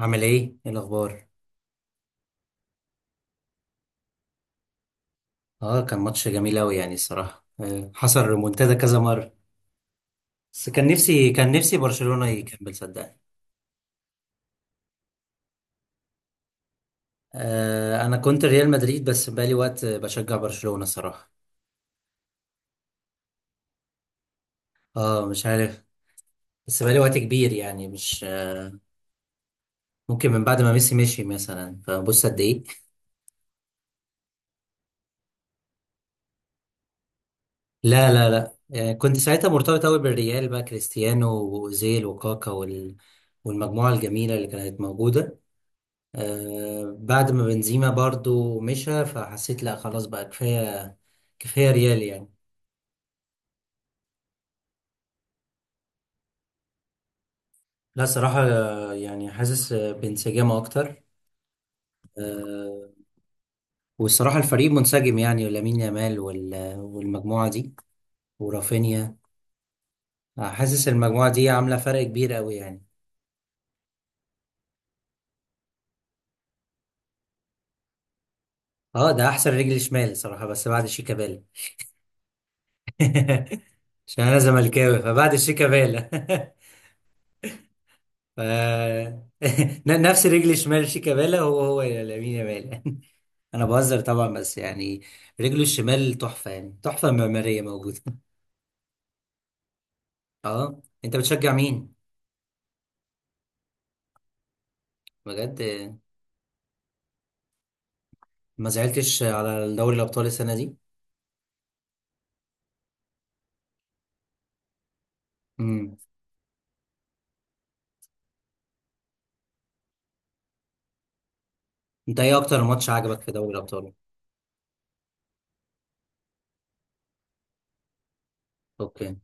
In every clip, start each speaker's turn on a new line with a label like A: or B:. A: عامل ايه؟ ايه الاخبار؟ اه، كان ماتش جميل اوي، يعني الصراحة حصل ريمونتادا كذا مرة، بس كان نفسي، كان نفسي برشلونة يكمل صدقني. آه، انا كنت ريال مدريد، بس بقالي وقت بشجع برشلونة صراحة. اه مش عارف. بس بقالي وقت كبير يعني، مش ممكن من بعد ما ميسي مشي مثلا، فبص قد ايه. لا لا لا. آه، كنت ساعتها مرتبط اوي بالريال، بقى كريستيانو واوزيل وكاكا والمجموعة الجميلة اللي كانت موجودة. بعد ما بنزيما برضو مشى، فحسيت لا خلاص بقى كفاية. كفاية ريال يعني. لا صراحة، يعني حاسس بانسجام أكتر. آه، والصراحة الفريق منسجم، يعني لامين يامال والمجموعة دي ورافينيا. حاسس المجموعة دي عاملة فرق كبير أوي يعني. اه، ده أحسن رجل شمال صراحة، بس بعد شيكابالا. عشان أنا زملكاوي، فبعد شيكابالا. ف... نفس رجل الشمال شيكابالا، هو هو لامين يامال. انا بهزر طبعا، بس يعني رجله الشمال تحفه، يعني تحفه معماريه موجوده. اه، انت بتشجع مين؟ بجد ما زعلتش على دوري الابطال السنه دي. امم، انت ايه اكتر ماتش عجبك في دوري الابطال؟ اوكي.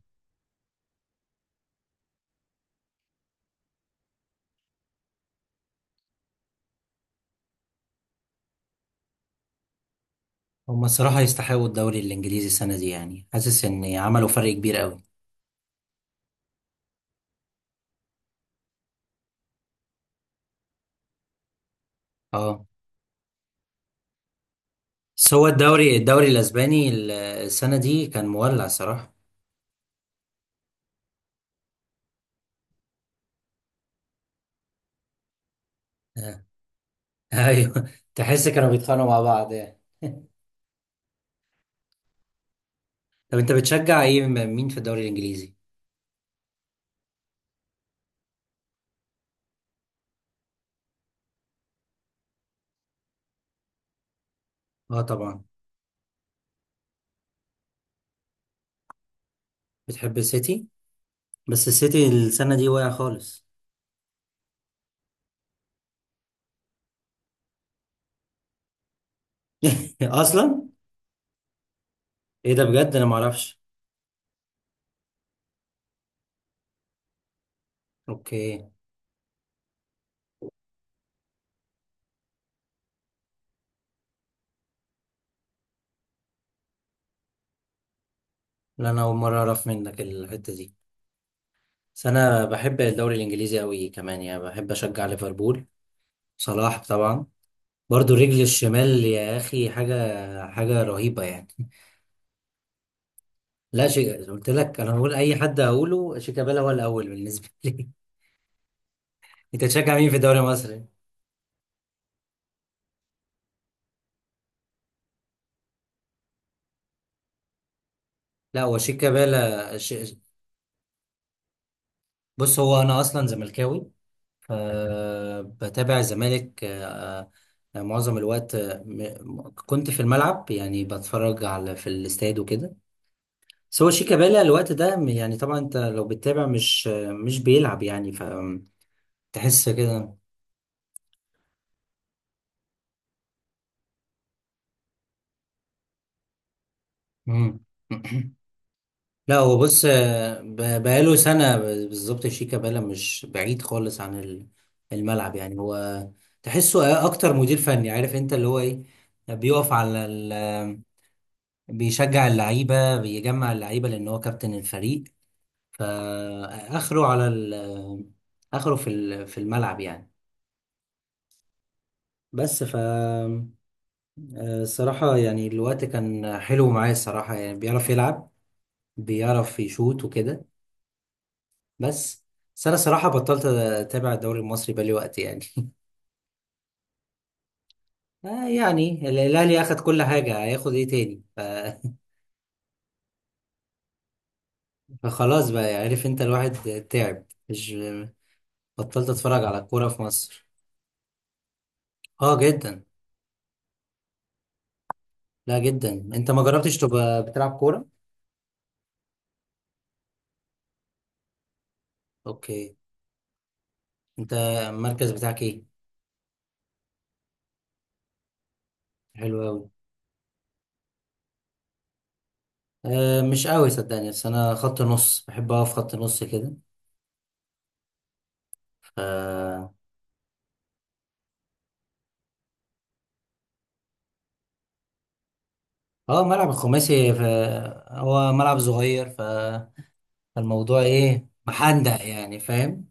A: هما الصراحه يستحقوا الدوري الانجليزي السنه دي، يعني حاسس ان عملوا فرق كبير قوي. اه، بس هو الدوري، الدوري الاسباني السنه دي كان مولع صراحه. ايوه، تحس كانوا بيتخانقوا مع بعض يعني. طب انت بتشجع ايه مين في الدوري الانجليزي؟ اه طبعا. بتحب السيتي؟ بس السيتي السنه دي واقع خالص. اصلا؟ ايه ده بجد، انا ما اعرفش. اوكي. لا انا اول مره اعرف منك الحته دي. بس انا بحب الدوري الانجليزي قوي كمان، يعني بحب اشجع ليفربول، صلاح طبعا، برضو رجل الشمال. يا اخي حاجه، حاجه رهيبه يعني. لا شيء قلت لك، انا بقول اي حد هقوله شيكابالا هو الاول بالنسبه لي. انت تشجع مين في الدوري المصري؟ لا هو شيك كابالا بص هو انا اصلا زملكاوي، فبتابع الزمالك. معظم الوقت، كنت في الملعب، يعني بتفرج على في الاستاد وكده. بس هو شيك كابالا الوقت ده يعني طبعا انت لو بتتابع، مش بيلعب يعني، فتحس كده. مم. لا هو بص، بقاله سنة بالظبط، شيكا بالا مش بعيد خالص عن الملعب يعني. هو تحسه أكتر مدير فني، عارف أنت اللي هو إيه، بيقف على ال، بيشجع اللعيبة، بيجمع اللعيبة، لأن هو كابتن الفريق. فآخره على ال، آخره في في الملعب يعني. بس ف آه، الصراحة يعني الوقت كان حلو معايا، الصراحة يعني بيعرف يلعب، بيعرف يشوت وكده. بس بس انا صراحه بطلت اتابع الدوري المصري بقالي وقت يعني. آه يعني الاهلي اخد كل حاجه، هياخد ايه تاني؟ فخلاص بقى يعني، عارف انت الواحد تعب، مش بطلت اتفرج على الكوره في مصر. اه جدا. لا جدا، انت ما جربتش تبقى بتلعب كوره؟ اوكي. انت المركز بتاعك ايه؟ حلو قوي. آه مش قوي صدقني، بس انا خط نص، بحب اقف خط نص كده. ف، اه ملعب الخماسي هو ملعب صغير، الموضوع ايه محندق يعني، فاهم؟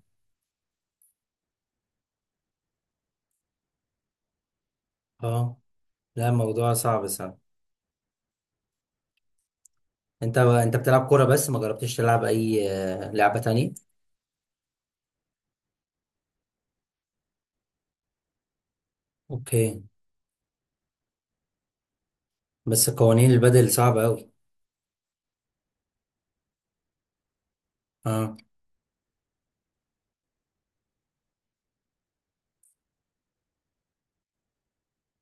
A: اه. لا الموضوع صعب صعب. انت بتلعب كورة، بس ما جربتش تلعب اي لعبة تانية؟ اوكي. بس قوانين البدل صعبة اوي. اه.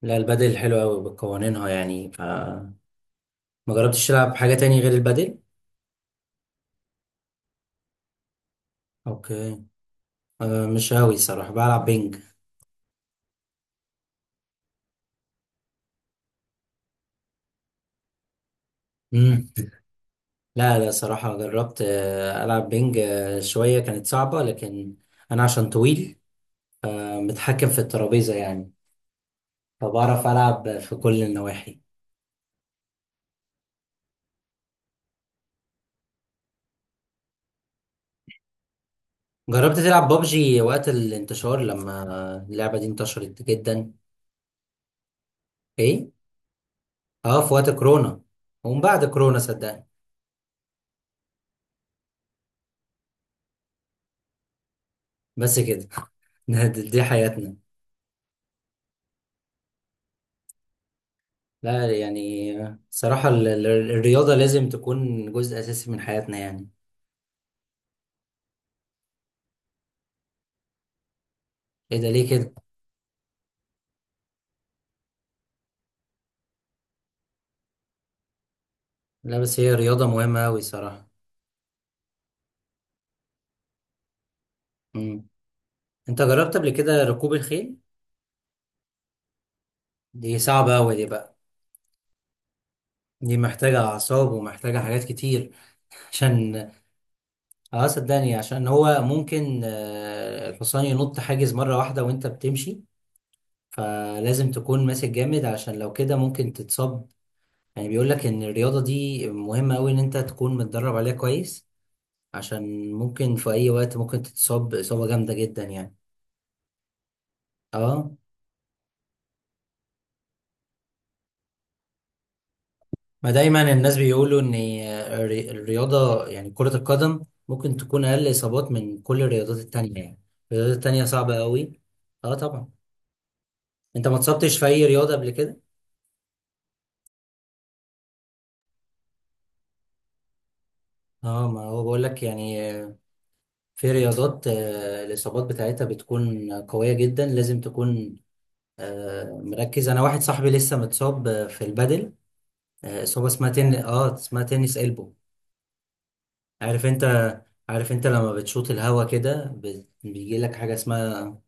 A: لا البدل حلو اوي بقوانينها يعني. ف، ما جربتش تلعب حاجة تانية غير البدل؟ اوكي. آه مش اوي صراحة بلعب بينج. مم. لا صراحة جربت العب بينج شوية، كانت صعبة لكن انا عشان طويل، متحكم في الترابيزة يعني، فبعرف ألعب في كل النواحي. جربت تلعب بابجي وقت الانتشار، لما اللعبة دي انتشرت جدا؟ ايه؟ اه في وقت كورونا، ومن بعد كورونا صدقني. بس كده. دي حياتنا. لا يعني، صراحة الرياضة لازم تكون جزء أساسي من حياتنا يعني. ايه ده ليه كده؟ لا بس هي رياضة مهمة أوي صراحة. مم. انت جربت قبل كده ركوب الخيل؟ دي صعبة أوي دي بقى، دي محتاجة أعصاب ومحتاجة حاجات كتير. عشان، اه صدقني، عشان هو ممكن الحصان ينط حاجز مرة واحدة وانت بتمشي، فلازم تكون ماسك جامد، عشان لو كده ممكن تتصاب. يعني بيقول لك ان الرياضة دي مهمة قوي، ان انت تكون متدرب عليها كويس، عشان ممكن في اي وقت ممكن تتصاب اصابة جامدة جدا يعني. اه، ما دايما الناس بيقولوا ان الرياضة يعني كرة القدم ممكن تكون اقل اصابات من كل الرياضات التانية يعني. الرياضات التانية صعبة قوي. اه طبعا. انت ما اتصبتش في اي رياضة قبل كده؟ اه، ما هو بقول لك يعني، في رياضات الإصابات بتاعتها بتكون قوية جدا، لازم تكون مركز. أنا واحد صاحبي لسه متصاب في البادل، إصابة اسمها تن، اه اسمها تنس إلبو. عارف أنت، عارف أنت لما بتشوط الهوا كده، بيجي لك حاجة اسمها،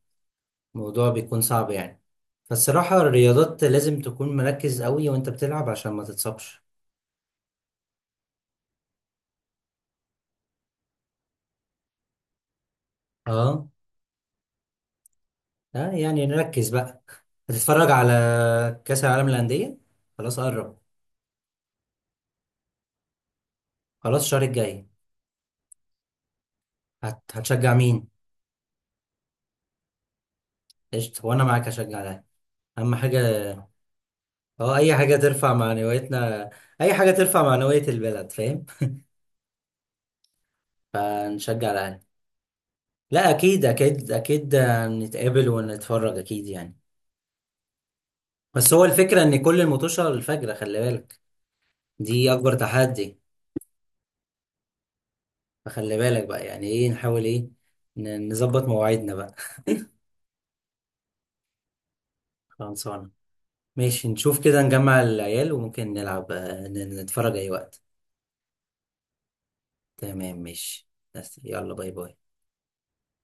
A: موضوع بيكون صعب يعني. فالصراحة الرياضات لازم تكون مركز قوي وأنت بتلعب عشان ما تتصابش. اه، يعني نركز بقى. هتتفرج على كأس العالم للأندية؟ خلاص قرب، خلاص الشهر الجاي. هتشجع مين؟ قشطة، وانا معاك هشجع ده، اهم حاجة. اه، اي حاجة ترفع معنويتنا، اي حاجة ترفع معنوية البلد، فاهم؟ فنشجع الاهلي. لا اكيد اكيد اكيد، نتقابل ونتفرج اكيد يعني. بس هو الفكرة ان كل المطوشة الفجرة، خلي بالك دي اكبر تحدي. فخلي بالك بقى، يعني ايه، نحاول ايه، نظبط مواعيدنا بقى. خلصانة، ماشي، نشوف كده، نجمع العيال وممكن نلعب، نتفرج اي وقت. تمام ماشي. بس يلا، باي باي.